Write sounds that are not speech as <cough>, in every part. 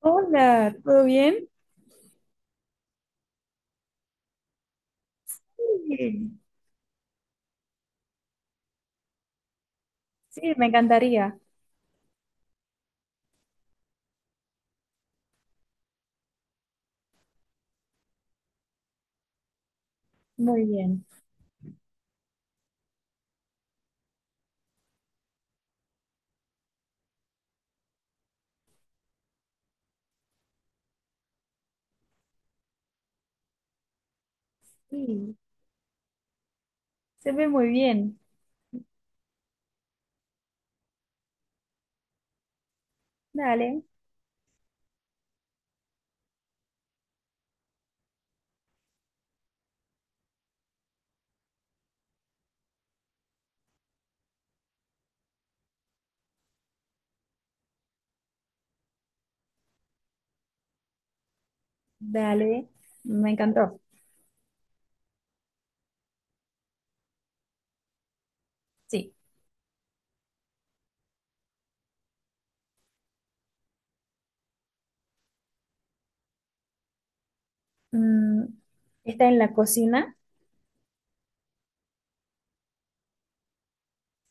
Hola, ¿todo bien? Bien. Sí, me encantaría. Muy bien. Sí, se ve muy bien. Dale, dale. Me encantó. Sí. Mm, Está en la cocina.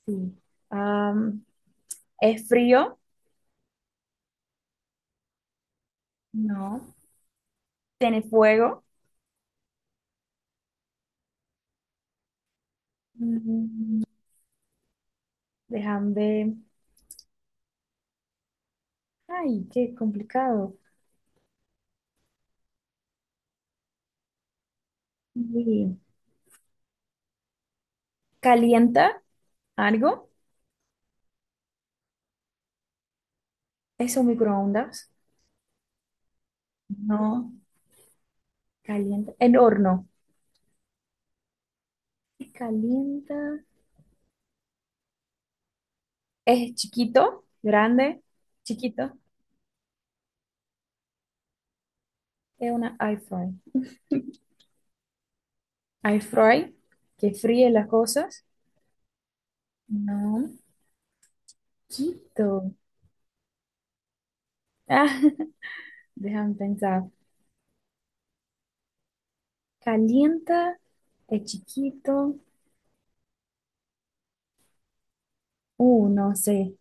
Sí. Am, ¿Es frío? No. ¿Tiene fuego? Mm, Déjame ver. Ay, qué complicado. Sí. ¿Calienta algo? ¿Es un microondas? No. ¿Calienta? ¿El horno? Sí, ¿calienta? Es chiquito, grande, chiquito. Es una air fry. Air fry que fríe las cosas. No, chiquito. Ah, <laughs> déjame pensar. Calienta, es chiquito. No sé,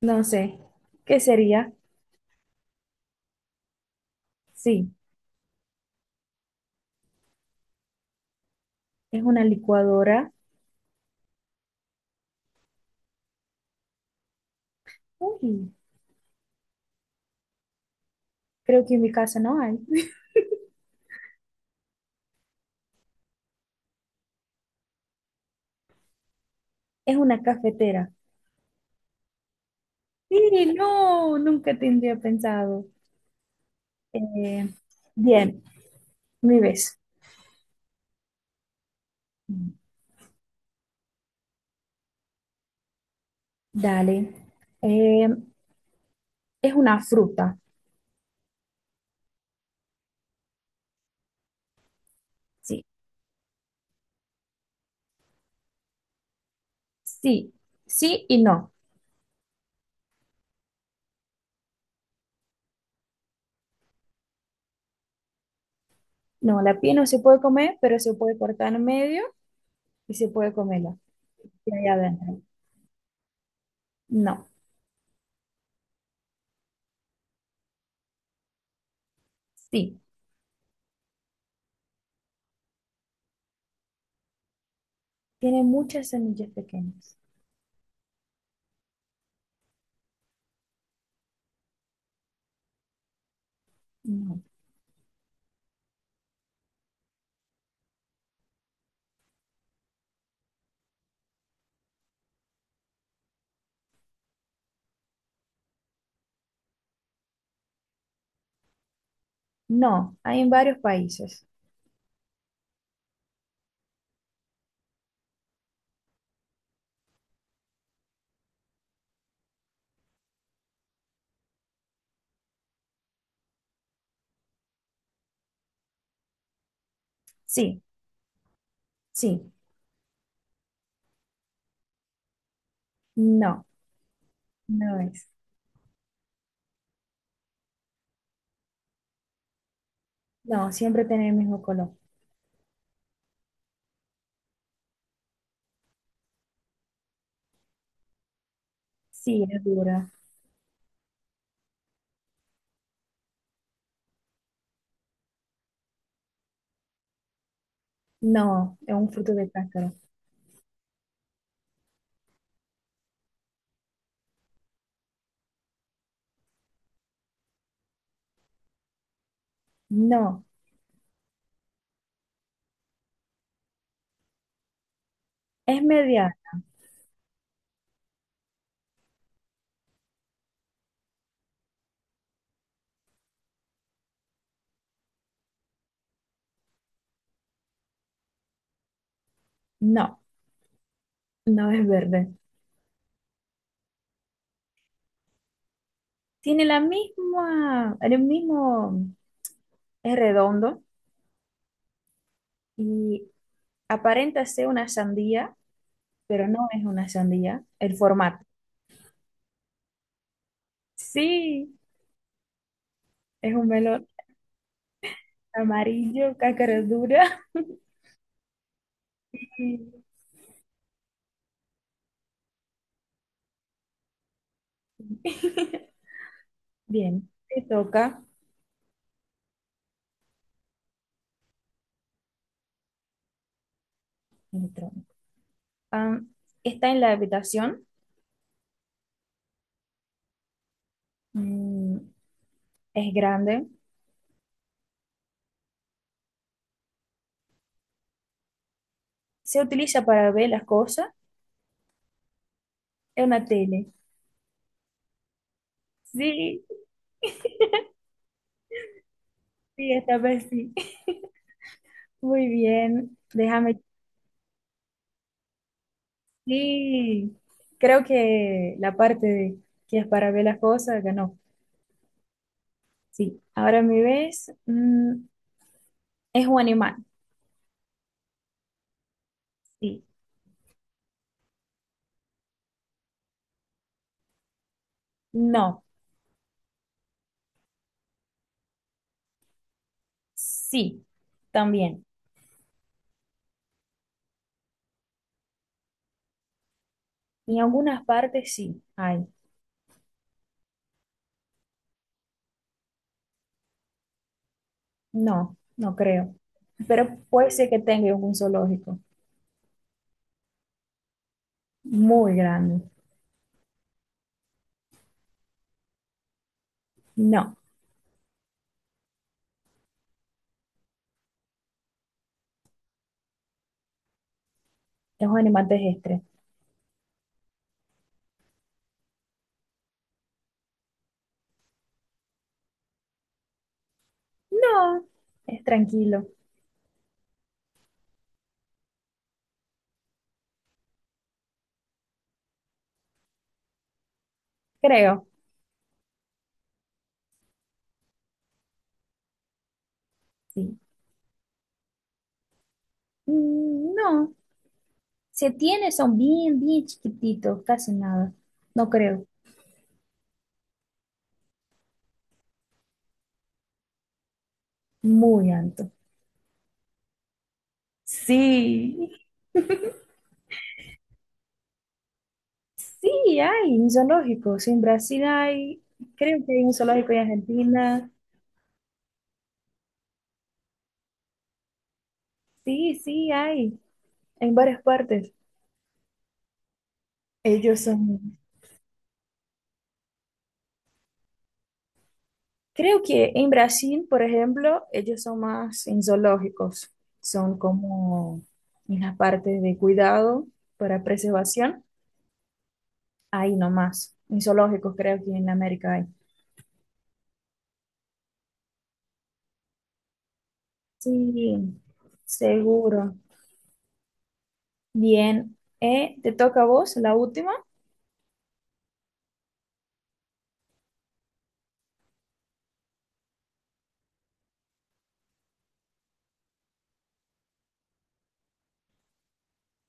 no sé. ¿Qué sería? Sí, es una licuadora. Uy, creo que en mi casa no hay. Es una cafetera. Sí, no, nunca tendría pensado. Eh, Bien, mi vez. Dale. Eh, Es una fruta. Sí, sí, sí y no. No, la piel no se puede comer, pero se puede cortar en medio y se puede comerla. ¿Y hay adentro? No, sí. Tiene muchas semillas pequeñas. No, no. Hay en varios países. Sí, sí. No, no es. No, siempre tiene el mismo color. Sí, es dura. No, es un fruto de cáscara. No, es media. No, no es verde. Tiene la misma, el mismo, es redondo y aparenta ser una sandía, pero no es una sandía, el formato. Sí, es un melón amarillo, cáscara dura. <laughs> Y bien, te toca el tronco. Ah, está en la habitación, mm, es grande, se utiliza para ver las cosas, es una tele. Sí, sí, esta vez sí. <laughs> Muy bien, déjame. Sí, creo que la parte de que es para ver las cosas ganó. Sí, ahora me ves. Es un animal. Sí. No. Sí. También. En algunas partes sí hay. No, no creo. Pero puede ser que tenga un zoológico muy grande. No. Es un animal terrestre. No. Es tranquilo. Creo. Sí. Mm, no. Se tiene, son bien, bien chiquititos, casi nada. No creo. Muy alto. Sí. <laughs> Sí, hay un zoológico. Sí, en Brasil hay, creo que hay un zoológico en Argentina. Sí, sí, hay, en varias partes. Ellos son, creo que en Brasil, por ejemplo, ellos son más en zoológicos. Son como en las partes de cuidado para preservación. Ahí nomás, en zoológicos creo que en América hay. Sí, seguro. Bien. ¿Te toca a vos la última?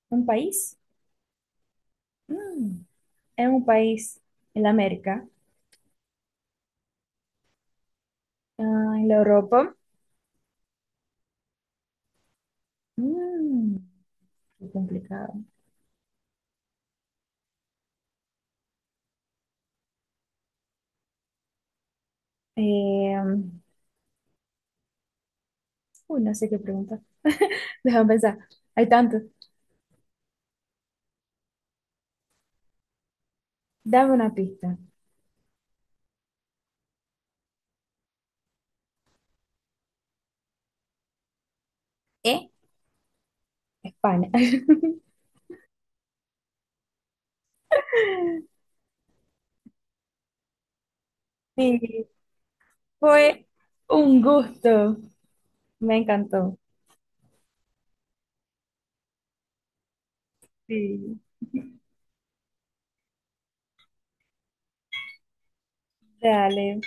¿Un país? Mm. ¿En un país en América? Ah, en la Europa. Mm, qué complicado. Eh, Uy, no sé qué pregunta. <laughs> Déjame pensar. Hay tanto. Dame una pista. ¿Eh? España. <laughs> Sí, fue un gusto. Me encantó. Sí. Dale.